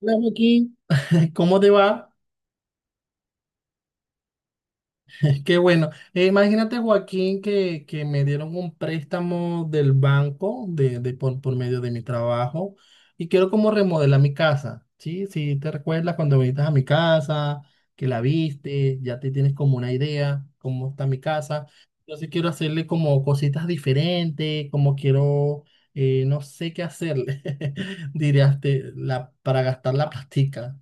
Hola Joaquín, ¿cómo te va? Qué bueno. Imagínate Joaquín que me dieron un préstamo del banco de por medio de mi trabajo y quiero como remodelar mi casa, ¿sí? Si te recuerdas cuando viniste a mi casa, que la viste, ya te tienes como una idea cómo está mi casa. Entonces quiero hacerle como cositas diferentes, como quiero, no sé qué hacerle, dirías, para gastar la plastica.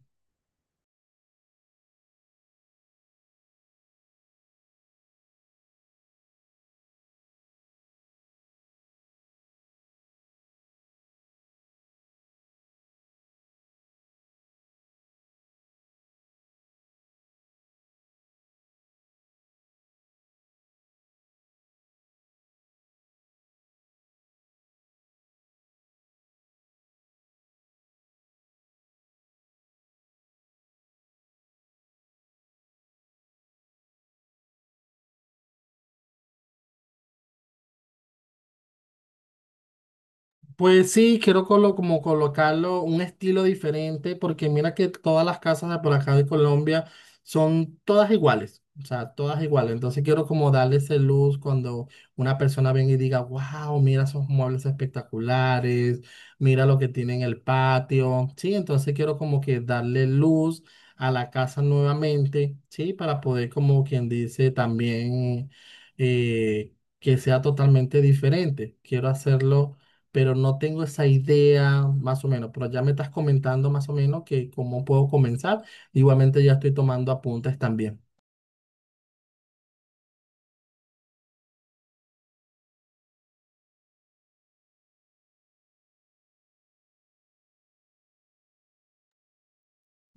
Pues sí, quiero como colocarlo un estilo diferente, porque mira que todas las casas de por acá de Colombia son todas iguales, o sea, todas iguales. Entonces quiero como darle ese luz cuando una persona venga y diga, wow, mira esos muebles espectaculares, mira lo que tiene en el patio. Sí, entonces quiero como que darle luz a la casa nuevamente, sí, para poder como quien dice también eh, que sea totalmente diferente. Quiero hacerlo, pero no tengo esa idea más o menos, pero ya me estás comentando más o menos que cómo puedo comenzar. Igualmente ya estoy tomando apuntes también.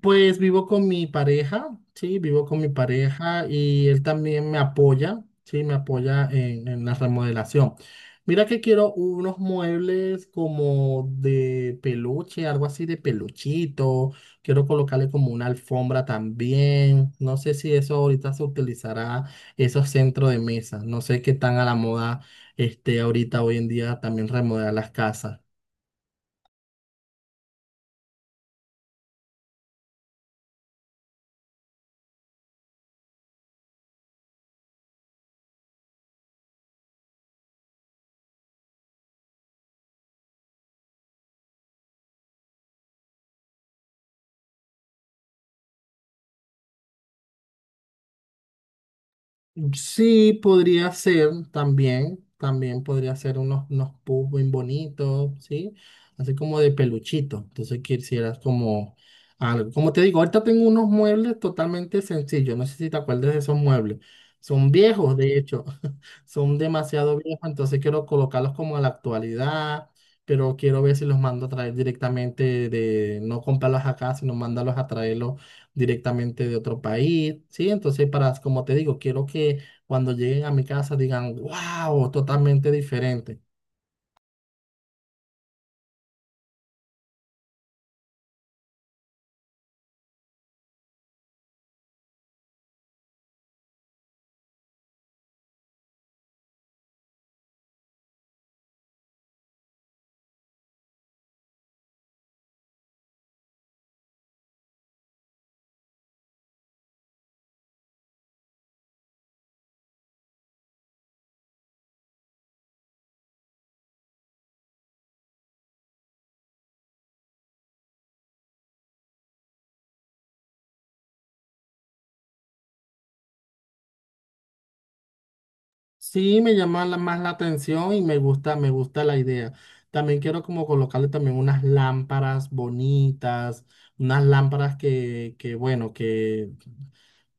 Pues vivo con mi pareja, sí, vivo con mi pareja y él también me apoya, sí, me apoya en la remodelación. Mira que quiero unos muebles como de peluche, algo así de peluchito. Quiero colocarle como una alfombra también. No sé si eso ahorita se utilizará, esos centros de mesa. No sé qué tan a la moda este ahorita hoy en día también remodelar las casas. Sí, podría ser también, también podría ser unos pubs bien bonitos, ¿sí? Así como de peluchito. Entonces quisieras como algo. Como te digo, ahorita tengo unos muebles totalmente sencillos. No sé si te acuerdas de esos muebles. Son viejos, de hecho. Son demasiado viejos. Entonces quiero colocarlos como a la actualidad. Pero quiero ver si los mando a traer directamente de, no comprarlos acá, sino mandarlos a traerlos directamente de otro país, ¿sí? Entonces, para, como te digo, quiero que cuando lleguen a mi casa digan, wow, totalmente diferente. Sí, me llama la- más la atención y me gusta la idea. También quiero como colocarle también unas lámparas bonitas, unas lámparas que bueno, que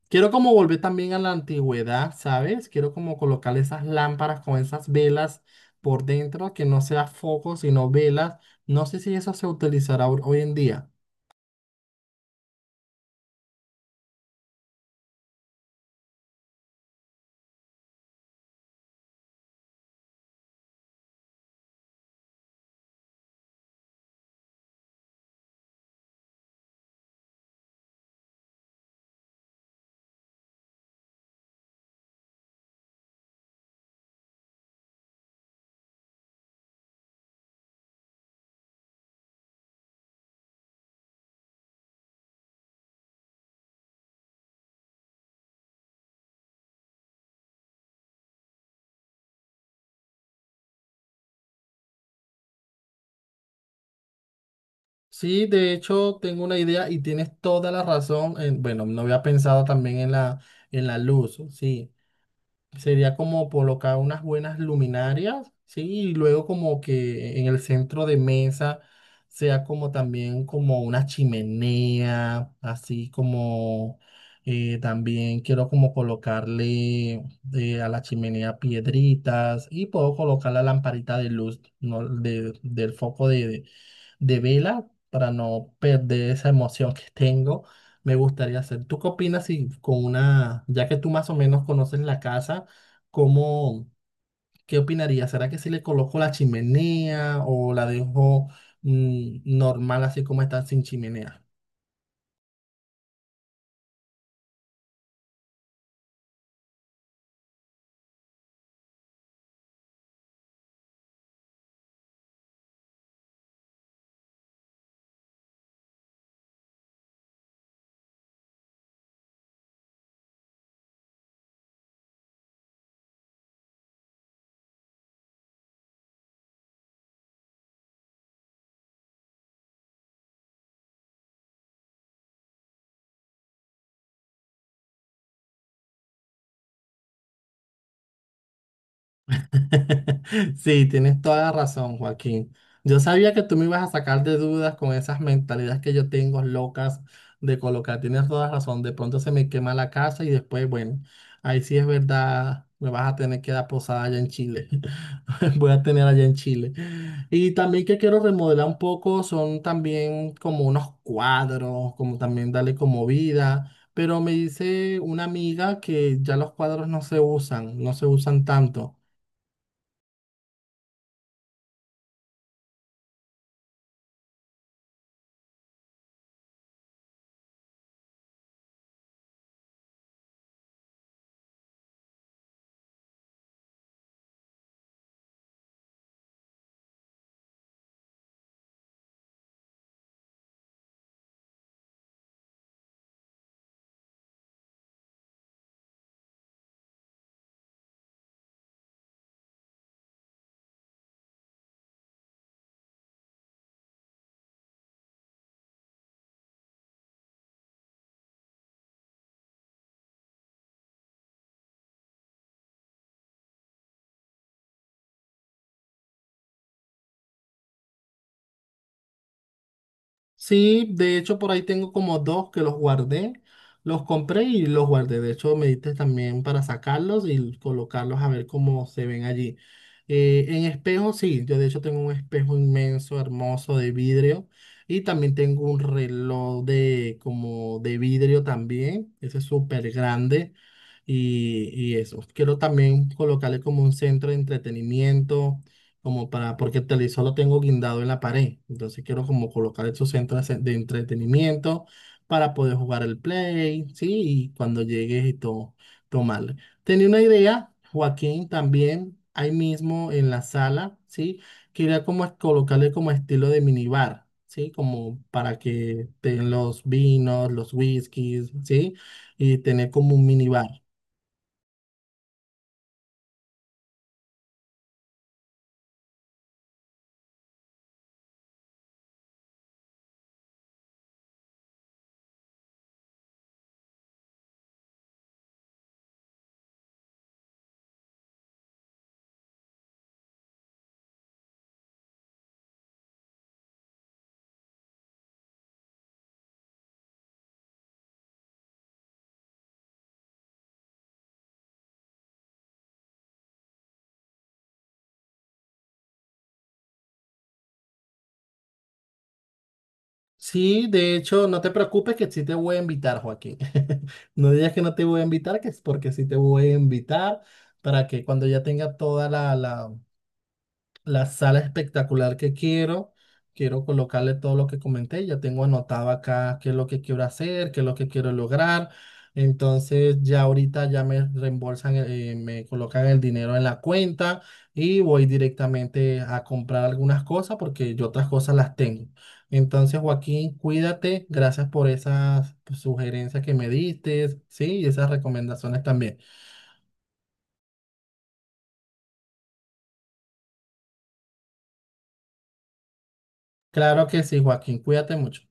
quiero como volver también a la antigüedad, ¿sabes? Quiero como colocarle esas lámparas con esas velas por dentro, que no sea foco, sino velas. No sé si eso se utilizará hoy en día. Sí, de hecho tengo una idea y tienes toda la razón. En- bueno, no había pensado también en la luz, sí. Sería como colocar unas buenas luminarias, sí, y luego como que en el centro de mesa sea como también como una chimenea, así como también quiero como colocarle a la chimenea piedritas y puedo colocar la lamparita de luz, ¿no? Del foco de vela para no perder esa emoción que tengo. Me gustaría hacer. ¿Tú qué opinas si con una, ya que tú más o menos conoces la casa, cómo, qué opinarías? ¿Será que si le coloco la chimenea o la dejo normal así como está sin chimenea? Sí, tienes toda la razón, Joaquín. Yo sabía que tú me ibas a sacar de dudas con esas mentalidades que yo tengo locas de colocar. Tienes toda la razón. De pronto se me quema la casa y después, bueno, ahí sí es verdad, me vas a tener que dar posada allá en Chile. Voy a tener allá en Chile. Y también que quiero remodelar un poco son también como unos cuadros, como también darle como vida. Pero me dice una amiga que ya los cuadros no se usan, no se usan tanto. Sí, de hecho por ahí tengo como dos que los guardé, los compré y los guardé. De hecho me diste también para sacarlos y colocarlos a ver cómo se ven allí. En espejo, sí, yo de hecho tengo un espejo inmenso, hermoso de vidrio, y también tengo un reloj de como de vidrio también, ese es súper grande y eso. Quiero también colocarle como un centro de entretenimiento como para, porque el televisor lo tengo guindado en la pared, entonces quiero como colocar esos centros de entretenimiento para poder jugar el play, ¿sí? Y cuando llegues y todo, tomarle. Tenía una idea, Joaquín, también ahí mismo en la sala, ¿sí? Quería como colocarle como estilo de minibar, ¿sí? Como para que tengan los vinos, los whiskies, ¿sí? Y tener como un minibar. Sí, de hecho, no te preocupes que sí te voy a invitar, Joaquín. No digas que no te voy a invitar, que es porque sí te voy a invitar para que cuando ya tenga toda la sala espectacular que quiero. Quiero colocarle todo lo que comenté. Ya tengo anotado acá qué es lo que quiero hacer, qué es lo que quiero lograr. Entonces ya ahorita ya me reembolsan, me colocan el dinero en la cuenta y voy directamente a comprar algunas cosas porque yo otras cosas las tengo. Entonces, Joaquín, cuídate. Gracias por esas sugerencias que me diste, sí, y esas recomendaciones también. Claro que sí, Joaquín, cuídate mucho.